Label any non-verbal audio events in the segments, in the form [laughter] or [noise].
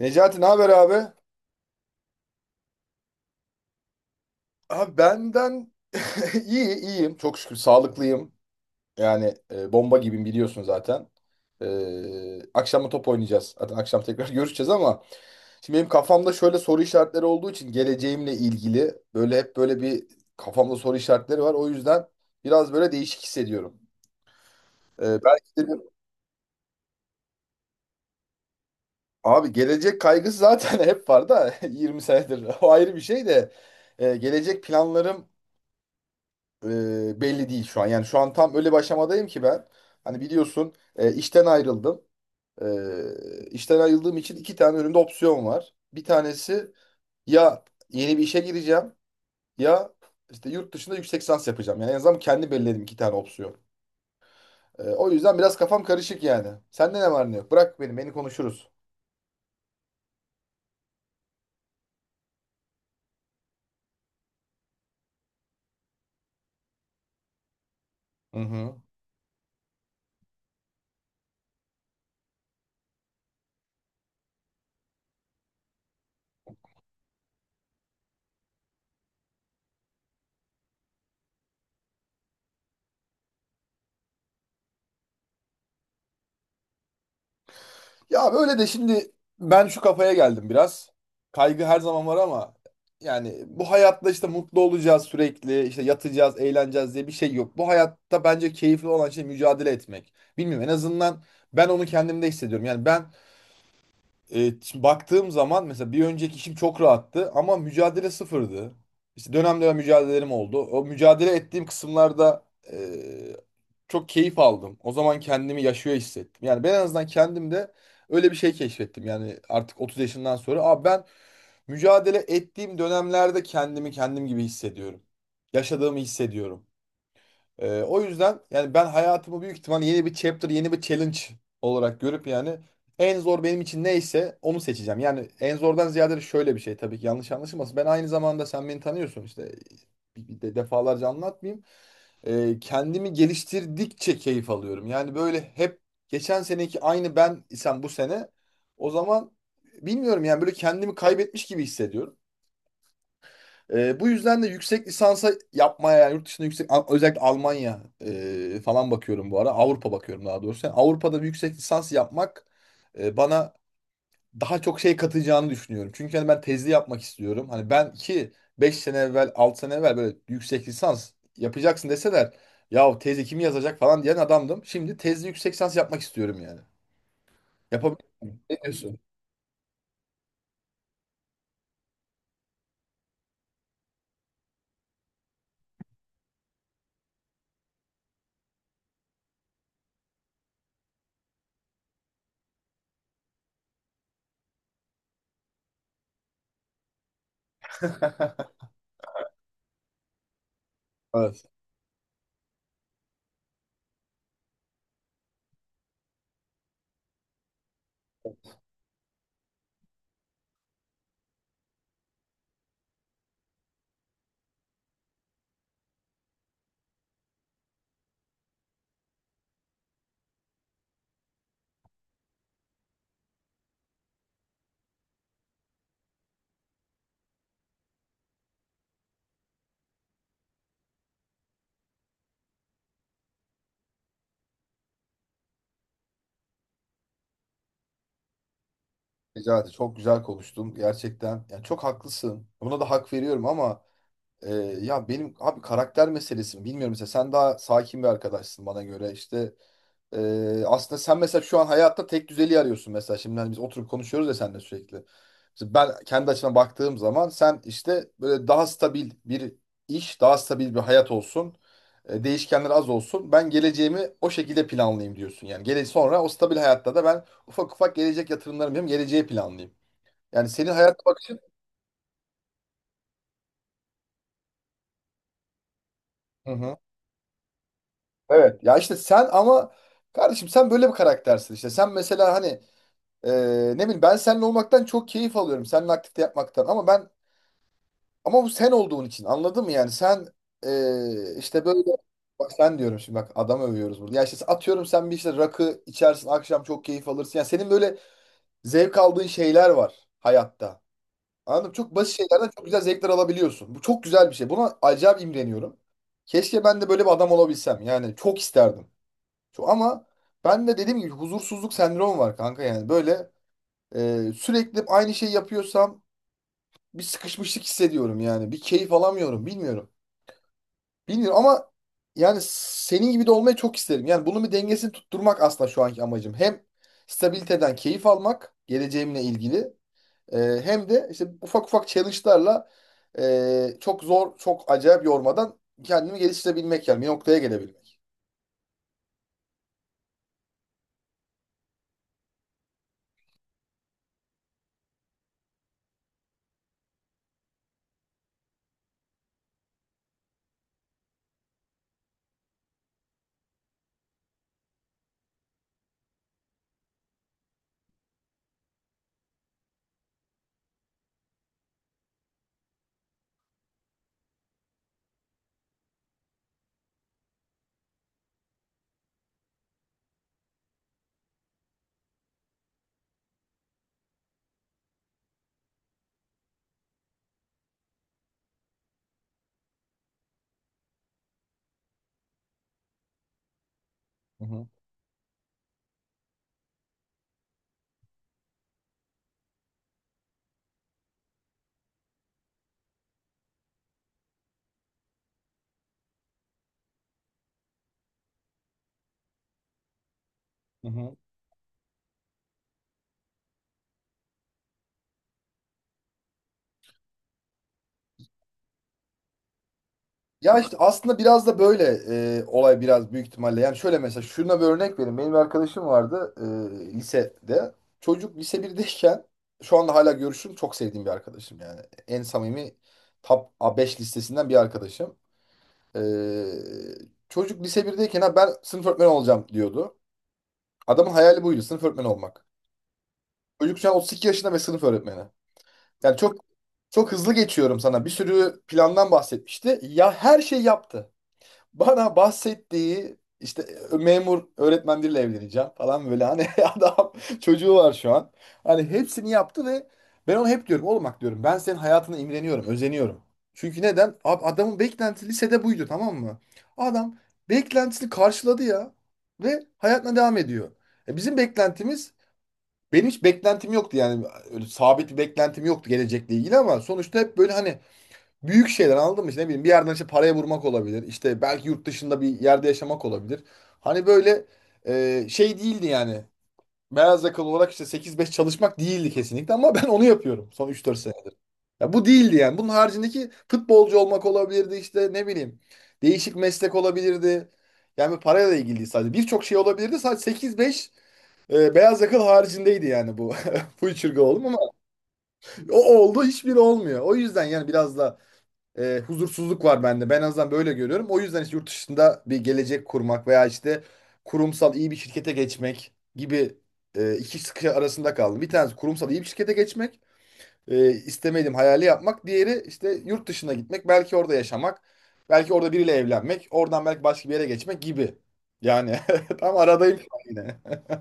Necati ne haber abi? Abi benden [laughs] iyi iyiyim, çok şükür sağlıklıyım. Yani bomba gibiyim biliyorsun zaten. Akşam da top oynayacağız. Zaten akşam tekrar [laughs] görüşeceğiz ama şimdi benim kafamda şöyle soru işaretleri olduğu için, geleceğimle ilgili böyle hep böyle bir kafamda soru işaretleri var. O yüzden biraz böyle değişik hissediyorum. E, belki de bir- Abi, gelecek kaygısı zaten [laughs] hep var da, [laughs] 20 senedir [laughs] o ayrı bir şey de. Gelecek planlarım belli değil şu an. Yani şu an tam öyle bir aşamadayım ki ben. Hani biliyorsun, işten ayrıldım. İşten ayrıldığım için iki tane önümde opsiyon var. Bir tanesi, ya yeni bir işe gireceğim, ya işte yurt dışında yüksek lisans yapacağım. Yani en azından kendi belirledim iki tane opsiyon. O yüzden biraz kafam karışık yani. Sende ne var ne yok? Bırak beni, beni konuşuruz. Hı hı. Ya böyle de şimdi ben şu kafaya geldim biraz. Kaygı her zaman var, ama yani bu hayatta işte mutlu olacağız sürekli, işte yatacağız, eğleneceğiz diye bir şey yok. Bu hayatta bence keyifli olan şey mücadele etmek. Bilmiyorum, en azından ben onu kendimde hissediyorum. Yani ben, şimdi baktığım zaman mesela bir önceki işim çok rahattı ama mücadele sıfırdı. İşte dönem dönem mücadelelerim oldu. O mücadele ettiğim kısımlarda, e, çok keyif aldım. O zaman kendimi yaşıyor hissettim. Yani ben en azından kendimde öyle bir şey keşfettim. Yani artık 30 yaşından sonra abi, ben mücadele ettiğim dönemlerde kendimi kendim gibi hissediyorum. Yaşadığımı hissediyorum. O yüzden yani ben hayatımı büyük ihtimal yeni bir chapter, yeni bir challenge olarak görüp, yani en zor benim için neyse onu seçeceğim. Yani en zordan ziyade de şöyle bir şey, tabii ki yanlış anlaşılmasın. Ben aynı zamanda sen beni tanıyorsun işte, bir de defalarca anlatmayayım. Kendimi geliştirdikçe keyif alıyorum. Yani böyle hep geçen seneki aynı ben isem bu sene, o zaman bilmiyorum yani, böyle kendimi kaybetmiş gibi hissediyorum. Bu yüzden de yüksek lisansa yapmaya, yani yurt dışında, özellikle Almanya falan bakıyorum bu ara. Avrupa bakıyorum daha doğrusu. Yani Avrupa'da bir yüksek lisans yapmak bana daha çok şey katacağını düşünüyorum. Çünkü hani ben tezli yapmak istiyorum. Hani ben ki 5 sene evvel, 6 sene evvel böyle yüksek lisans yapacaksın deseler, ya tezi kim yazacak falan diyen adamdım. Şimdi tezli yüksek lisans yapmak istiyorum yani. Yapabilir miyim? Ne diyorsun? [laughs] Evet. Necati çok güzel konuştun gerçekten. Yani çok haklısın. Buna da hak veriyorum, ama Ee, ya benim abi karakter meselesi mi bilmiyorum, mesela sen daha sakin bir arkadaşsın bana göre işte. Aslında sen mesela şu an hayatta tek düzeliği arıyorsun, mesela şimdi hani biz oturup konuşuyoruz ya seninle sürekli. Mesela ben kendi açımdan baktığım zaman sen işte böyle daha stabil bir iş, daha stabil bir hayat olsun, değişkenler az olsun, ben geleceğimi o şekilde planlayayım diyorsun yani, gele sonra o stabil hayatta da ben ufak ufak gelecek yatırımlarımı yapayım, geleceği planlayayım, yani senin hayat bakışın. Hı hı. Evet ya, işte sen ama kardeşim, sen böyle bir karaktersin işte. Sen mesela hani, e, ne bileyim, ben seninle olmaktan çok keyif alıyorum. Seninle aktifte yapmaktan, ama ben, ama bu sen olduğun için, anladın mı yani? Sen işte böyle, bak sen diyorum şimdi, bak adam övüyoruz burada. Ya işte atıyorum sen bir işte rakı içersin akşam, çok keyif alırsın. Yani senin böyle zevk aldığın şeyler var hayatta. Anladın mı? Çok basit şeylerden çok güzel zevkler alabiliyorsun. Bu çok güzel bir şey. Buna acayip imreniyorum. Keşke ben de böyle bir adam olabilsem. Yani çok isterdim. Ama ben de dediğim gibi huzursuzluk sendromu var kanka yani. Böyle, sürekli aynı şeyi yapıyorsam bir sıkışmışlık hissediyorum yani. Bir keyif alamıyorum, bilmiyorum. Bilmiyorum ama yani senin gibi de olmayı çok isterim. Yani bunun bir dengesini tutturmak aslında şu anki amacım. Hem stabiliteden keyif almak geleceğimle ilgili, e, hem de işte ufak ufak challenge'larla, çok zor, çok acayip yormadan kendimi geliştirebilmek, yani bir noktaya gelebilmek. Hı hı. Hı hı. Ya işte aslında biraz da böyle, olay biraz büyük ihtimalle. Yani şöyle, mesela şuna bir örnek vereyim. Benim bir arkadaşım vardı, lisede. Çocuk lise birdeyken, şu anda hala görüşüm, çok sevdiğim bir arkadaşım yani. En samimi top A5 listesinden bir arkadaşım. E, Çocuk lise birdeyken ha, ben sınıf öğretmeni olacağım diyordu. Adamın hayali buydu, sınıf öğretmeni olmak. Çocuk şu an 32 yaşında ve sınıf öğretmeni. Yani çok çok hızlı geçiyorum sana. Bir sürü plandan bahsetmişti. Ya her şey yaptı. Bana bahsettiği işte memur öğretmen biriyle evleneceğim falan böyle hani [laughs] adam, çocuğu var şu an. Hani hepsini yaptı ve ben ona hep diyorum, oğlum bak diyorum, ben senin hayatına imreniyorum, özeniyorum. Çünkü neden? Adamın beklentisi lisede buydu, tamam mı? Adam beklentisini karşıladı ya ve hayatına devam ediyor. E bizim beklentimiz Benim hiç beklentim yoktu yani, öyle sabit bir beklentim yoktu gelecekle ilgili, ama sonuçta hep böyle hani büyük şeyler, anladın mı? İşte ne bileyim, bir yerden işte paraya vurmak olabilir. İşte belki yurt dışında bir yerde yaşamak olabilir. Hani böyle, şey değildi yani. Beyaz yakalı olarak işte 8-5 çalışmak değildi kesinlikle, ama [laughs] ben onu yapıyorum son 3 4 sene. Ya bu değildi yani. Bunun haricindeki futbolcu olmak olabilirdi, işte ne bileyim. Değişik meslek olabilirdi. Yani parayla ilgili değil sadece. Birçok şey olabilirdi. Sadece 8-5 beyaz yakalı haricindeydi yani bu. [laughs] Bu çırgı oldum ama o oldu, hiçbiri olmuyor. O yüzden yani biraz da, huzursuzluk var bende. Ben en azından böyle görüyorum. O yüzden işte yurt dışında bir gelecek kurmak veya işte kurumsal iyi bir şirkete geçmek gibi, iki sıkı arasında kaldım. Bir tanesi kurumsal iyi bir şirkete geçmek, istemediğim hayali yapmak. Diğeri işte yurt dışına gitmek, belki orada yaşamak, belki orada biriyle evlenmek, oradan belki başka bir yere geçmek gibi. Yani [laughs] tam aradayım şu an yine. [laughs]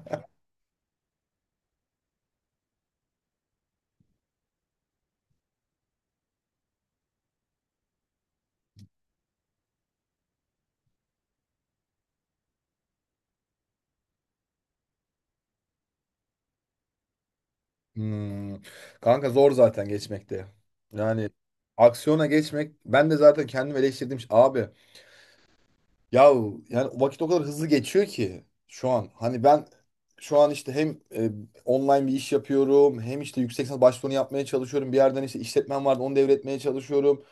Hmm. Kanka zor zaten geçmekte. Yani aksiyona geçmek, ben de zaten kendimi eleştirdim. Abi, ya yani vakit o kadar hızlı geçiyor ki şu an. Hani ben şu an işte hem e, online bir iş yapıyorum, hem işte yüksek lisans başvurunu yapmaya çalışıyorum. Bir yerden işte işletmem vardı, onu devretmeye çalışıyorum.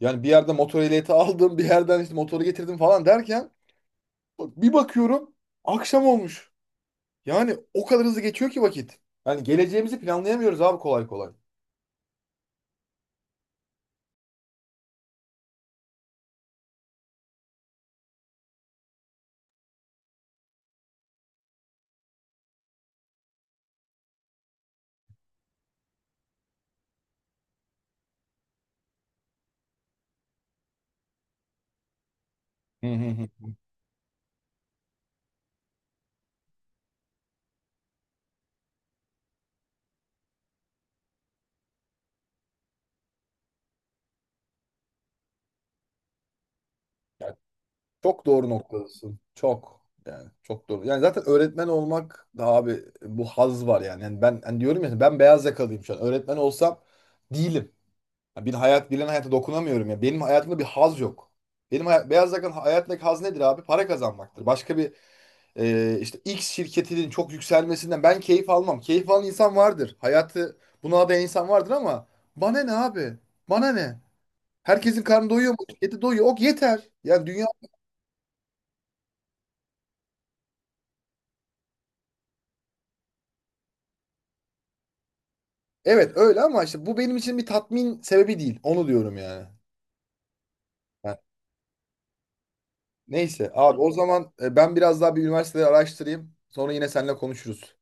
Yani bir yerden motor ehliyeti [laughs] aldım, bir yerden işte motoru getirdim falan derken bir bakıyorum akşam olmuş. Yani o kadar hızlı geçiyor ki vakit. Yani geleceğimizi planlayamıyoruz abi, kolay kolay. Hı hı hı. Çok doğru noktadasın. Çok. Yani çok doğru. Yani zaten öğretmen olmak da abi, bu haz var yani. Yani ben hani diyorum ya, ben beyaz yakalıyım şu an. Öğretmen olsam değilim. Ya bir hayat bilen hayata dokunamıyorum ya. Benim hayatımda bir haz yok. Benim hayat, beyaz yakalı hayattaki haz nedir abi? Para kazanmaktır. Başka bir, işte X şirketinin çok yükselmesinden ben keyif almam. Keyif alan insan vardır. Hayatı buna adayan insan vardır, ama bana ne abi? Bana ne? Herkesin karnı doyuyor mu? Şirketi doyuyor. Ok, yeter. Yani dünya Evet öyle, ama işte bu benim için bir tatmin sebebi değil. Onu diyorum yani. Ha, neyse abi, o zaman ben biraz daha bir üniversiteleri araştırayım. Sonra yine seninle konuşuruz.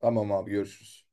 Tamam abi, görüşürüz.